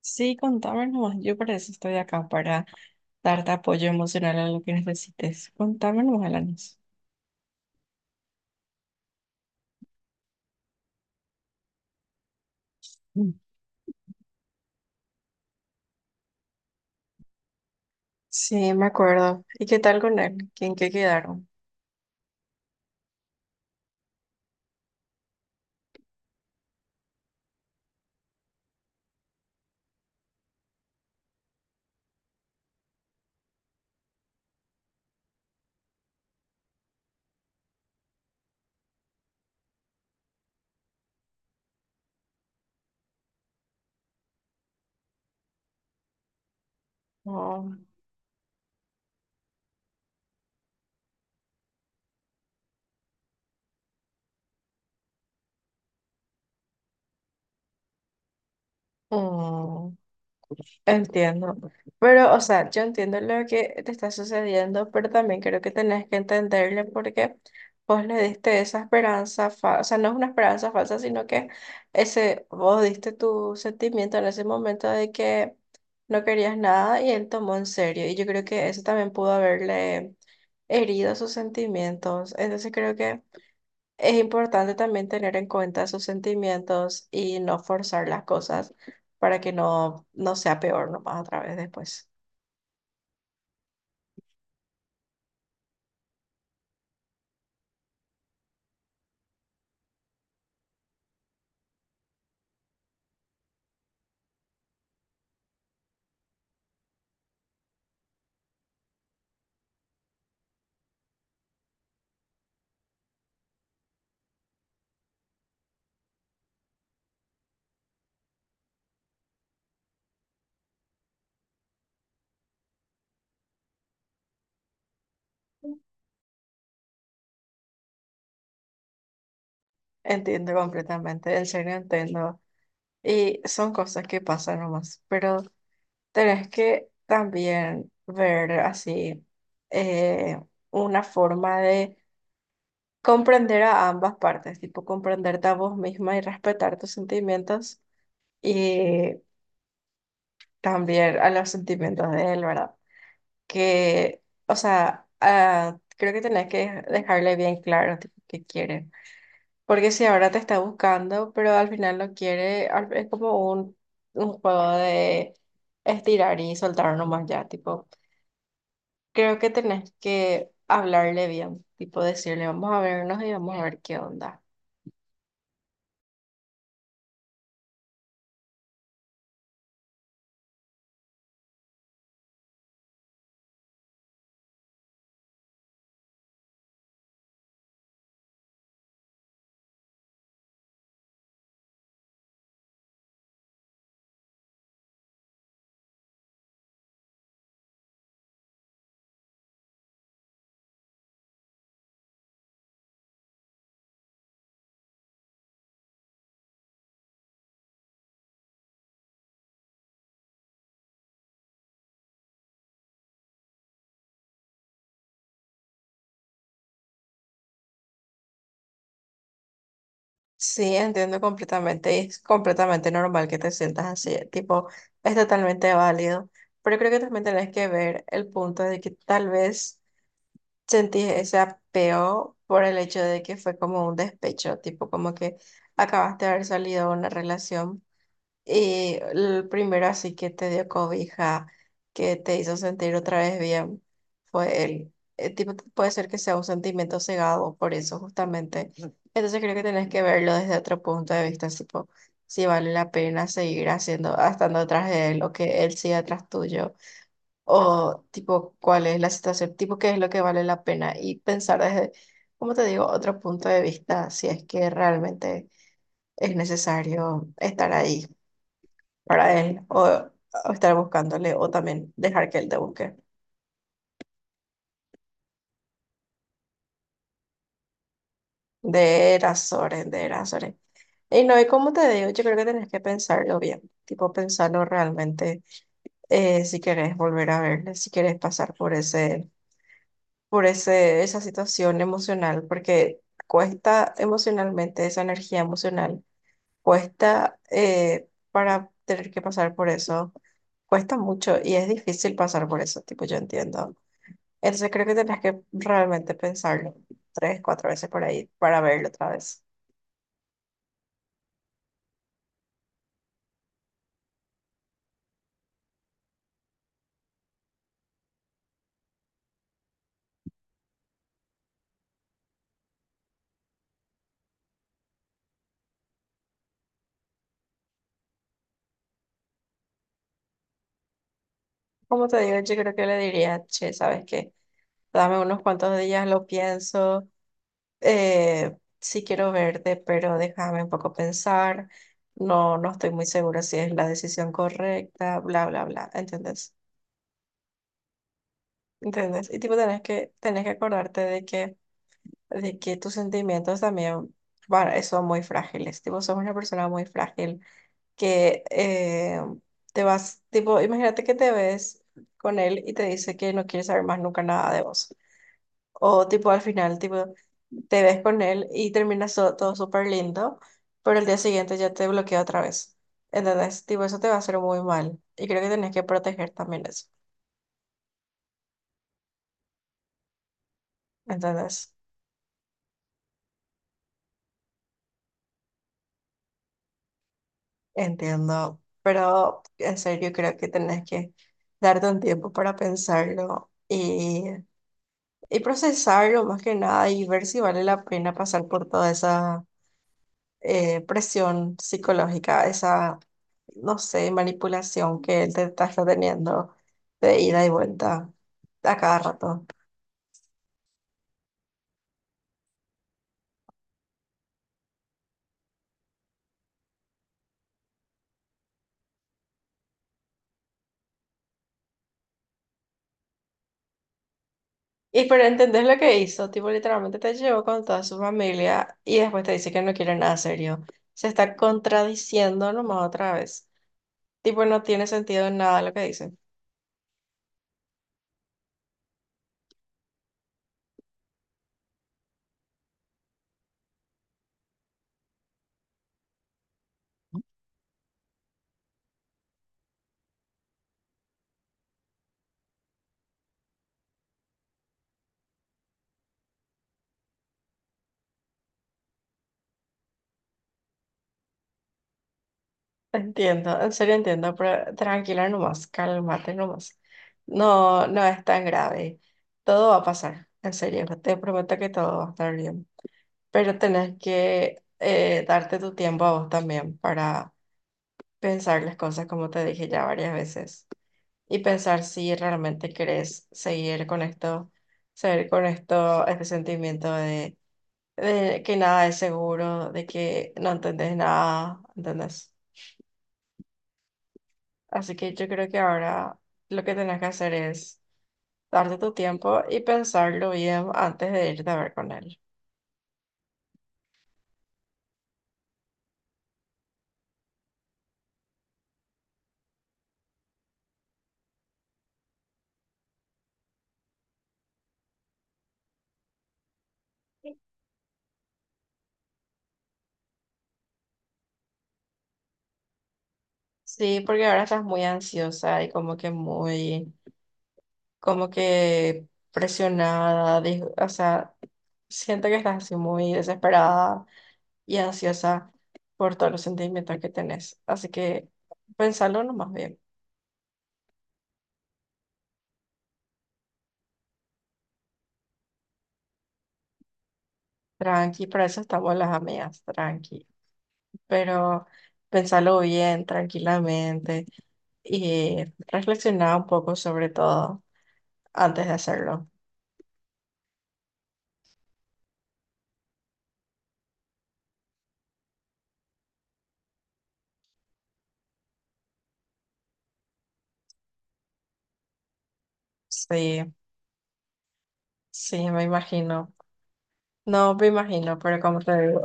Sí, contame nomás. Yo para eso estoy acá, para darte apoyo emocional a lo que necesites. Contame nomás, Alanis. Mm. Sí, me acuerdo. ¿Y qué tal con él? ¿Quién qué quedaron? Oh. Entiendo, pero o sea, yo entiendo lo que te está sucediendo, pero también creo que tenés que entenderle porque vos le diste esa esperanza falsa, o sea, no es una esperanza falsa, sino que ese, vos diste tu sentimiento en ese momento de que no querías nada y él tomó en serio, y yo creo que eso también pudo haberle herido sus sentimientos, entonces creo que es importante también tener en cuenta sus sentimientos y no forzar las cosas para que no sea peor nomás otra vez después. Entiendo completamente, en serio entiendo. Y son cosas que pasan nomás, pero tenés que también ver así eh, una forma de comprender a ambas partes, tipo comprenderte a vos misma y respetar tus sentimientos y también a los sentimientos de él, ¿verdad? Que, o sea, ah, creo que tenés que dejarle bien claro tipo, qué quiere. Porque si ahora te está buscando, pero al final no quiere, es como un juego de estirar y soltar nomás ya, tipo, creo que tenés que hablarle bien, tipo decirle, vamos a vernos y vamos a ver qué onda. Sí, entiendo completamente, y es completamente normal que te sientas así, tipo, es totalmente válido, pero creo que también tenés que ver el punto de que tal vez sentí ese apeo por el hecho de que fue como un despecho, tipo como que acabaste de haber salido de una relación y el primero así que te dio cobija, que te hizo sentir otra vez bien, fue él. Tipo, puede ser que sea un sentimiento cegado por eso justamente. Ujú. Entonces creo que tenés que verlo desde otro punto de vista, tipo, si vale la pena seguir haciendo, estando atrás de él o que él siga atrás tuyo o tipo cuál es la situación, tipo qué es lo que vale la pena y pensar desde, como te digo, otro punto de vista, si es que realmente es necesario estar ahí para él o estar buscándole o también dejar que él te busque. De Erasores, de Erasores. Y no, y como te digo, yo creo que tenés que pensarlo bien, tipo pensarlo realmente, si querés volver a verle, si querés pasar por ese esa situación emocional, porque cuesta emocionalmente, esa energía emocional, cuesta para tener que pasar por eso, cuesta mucho y es difícil pasar por eso, tipo, yo entiendo. Entonces creo que tenés que realmente pensarlo tres, cuatro veces por ahí para verlo otra vez. Como te digo, yo creo que le diría, che, ¿sabes qué? Dame unos cuantos días, lo pienso. Sí quiero verte, pero déjame un poco pensar. No, no estoy muy segura si es la decisión correcta, bla, bla, bla. ¿Entendés? ¿Entendés? Y tipo tenés que acordarte de que tus sentimientos también son muy frágiles. Tipo, sos una persona muy frágil que te vas, tipo, imagínate que te ves con él y te dice que no quiere saber más nunca nada de vos. O tipo al final, tipo, te ves con él y terminas todo súper lindo, pero el día siguiente ya te bloquea otra vez. Entonces, tipo, eso te va a hacer muy mal. Y creo que tenés que proteger también eso. Entonces, entiendo, pero en serio creo que tenés que darte un tiempo para pensarlo y procesarlo más que nada y ver si vale la pena pasar por toda esa presión psicológica, esa no sé, manipulación que él te está teniendo de ida y vuelta a cada rato. Y pero entendés lo que hizo, tipo literalmente te llevó con toda su familia y después te dice que no quiere nada serio. Se está contradiciendo nomás otra vez. Tipo, no tiene sentido en nada lo que dice. Entiendo, en serio entiendo, pero tranquila nomás, cálmate nomás. No, no es tan grave. Todo va a pasar, en serio, te prometo que todo va a estar bien. Pero tenés que darte tu tiempo a vos también para pensar las cosas, como te dije ya varias veces, y pensar si realmente querés seguir con esto, este sentimiento de que nada es seguro, de que no entendés nada, ¿entendés? Así que yo creo que ahora lo que tenés que hacer es darte tu tiempo y pensarlo bien antes de irte a ver con él. Sí, porque ahora estás muy ansiosa y como que muy como que presionada, o sea, siento que estás así muy desesperada y ansiosa por todos los sentimientos que tenés. Así que pensalo nomás bien. Tranqui, para eso estamos las amigas, tranqui. Pero pensalo bien, tranquilamente y reflexiona un poco sobre todo antes de hacerlo. Sí, sí, me imagino. No, me imagino, pero como te digo,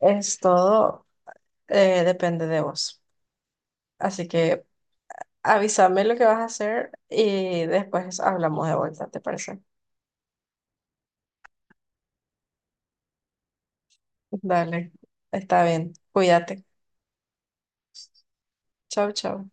es todo, depende de vos. Así que avísame lo que vas a hacer y después hablamos de vuelta, ¿te parece? Dale, está bien. Cuídate. Chau, chau.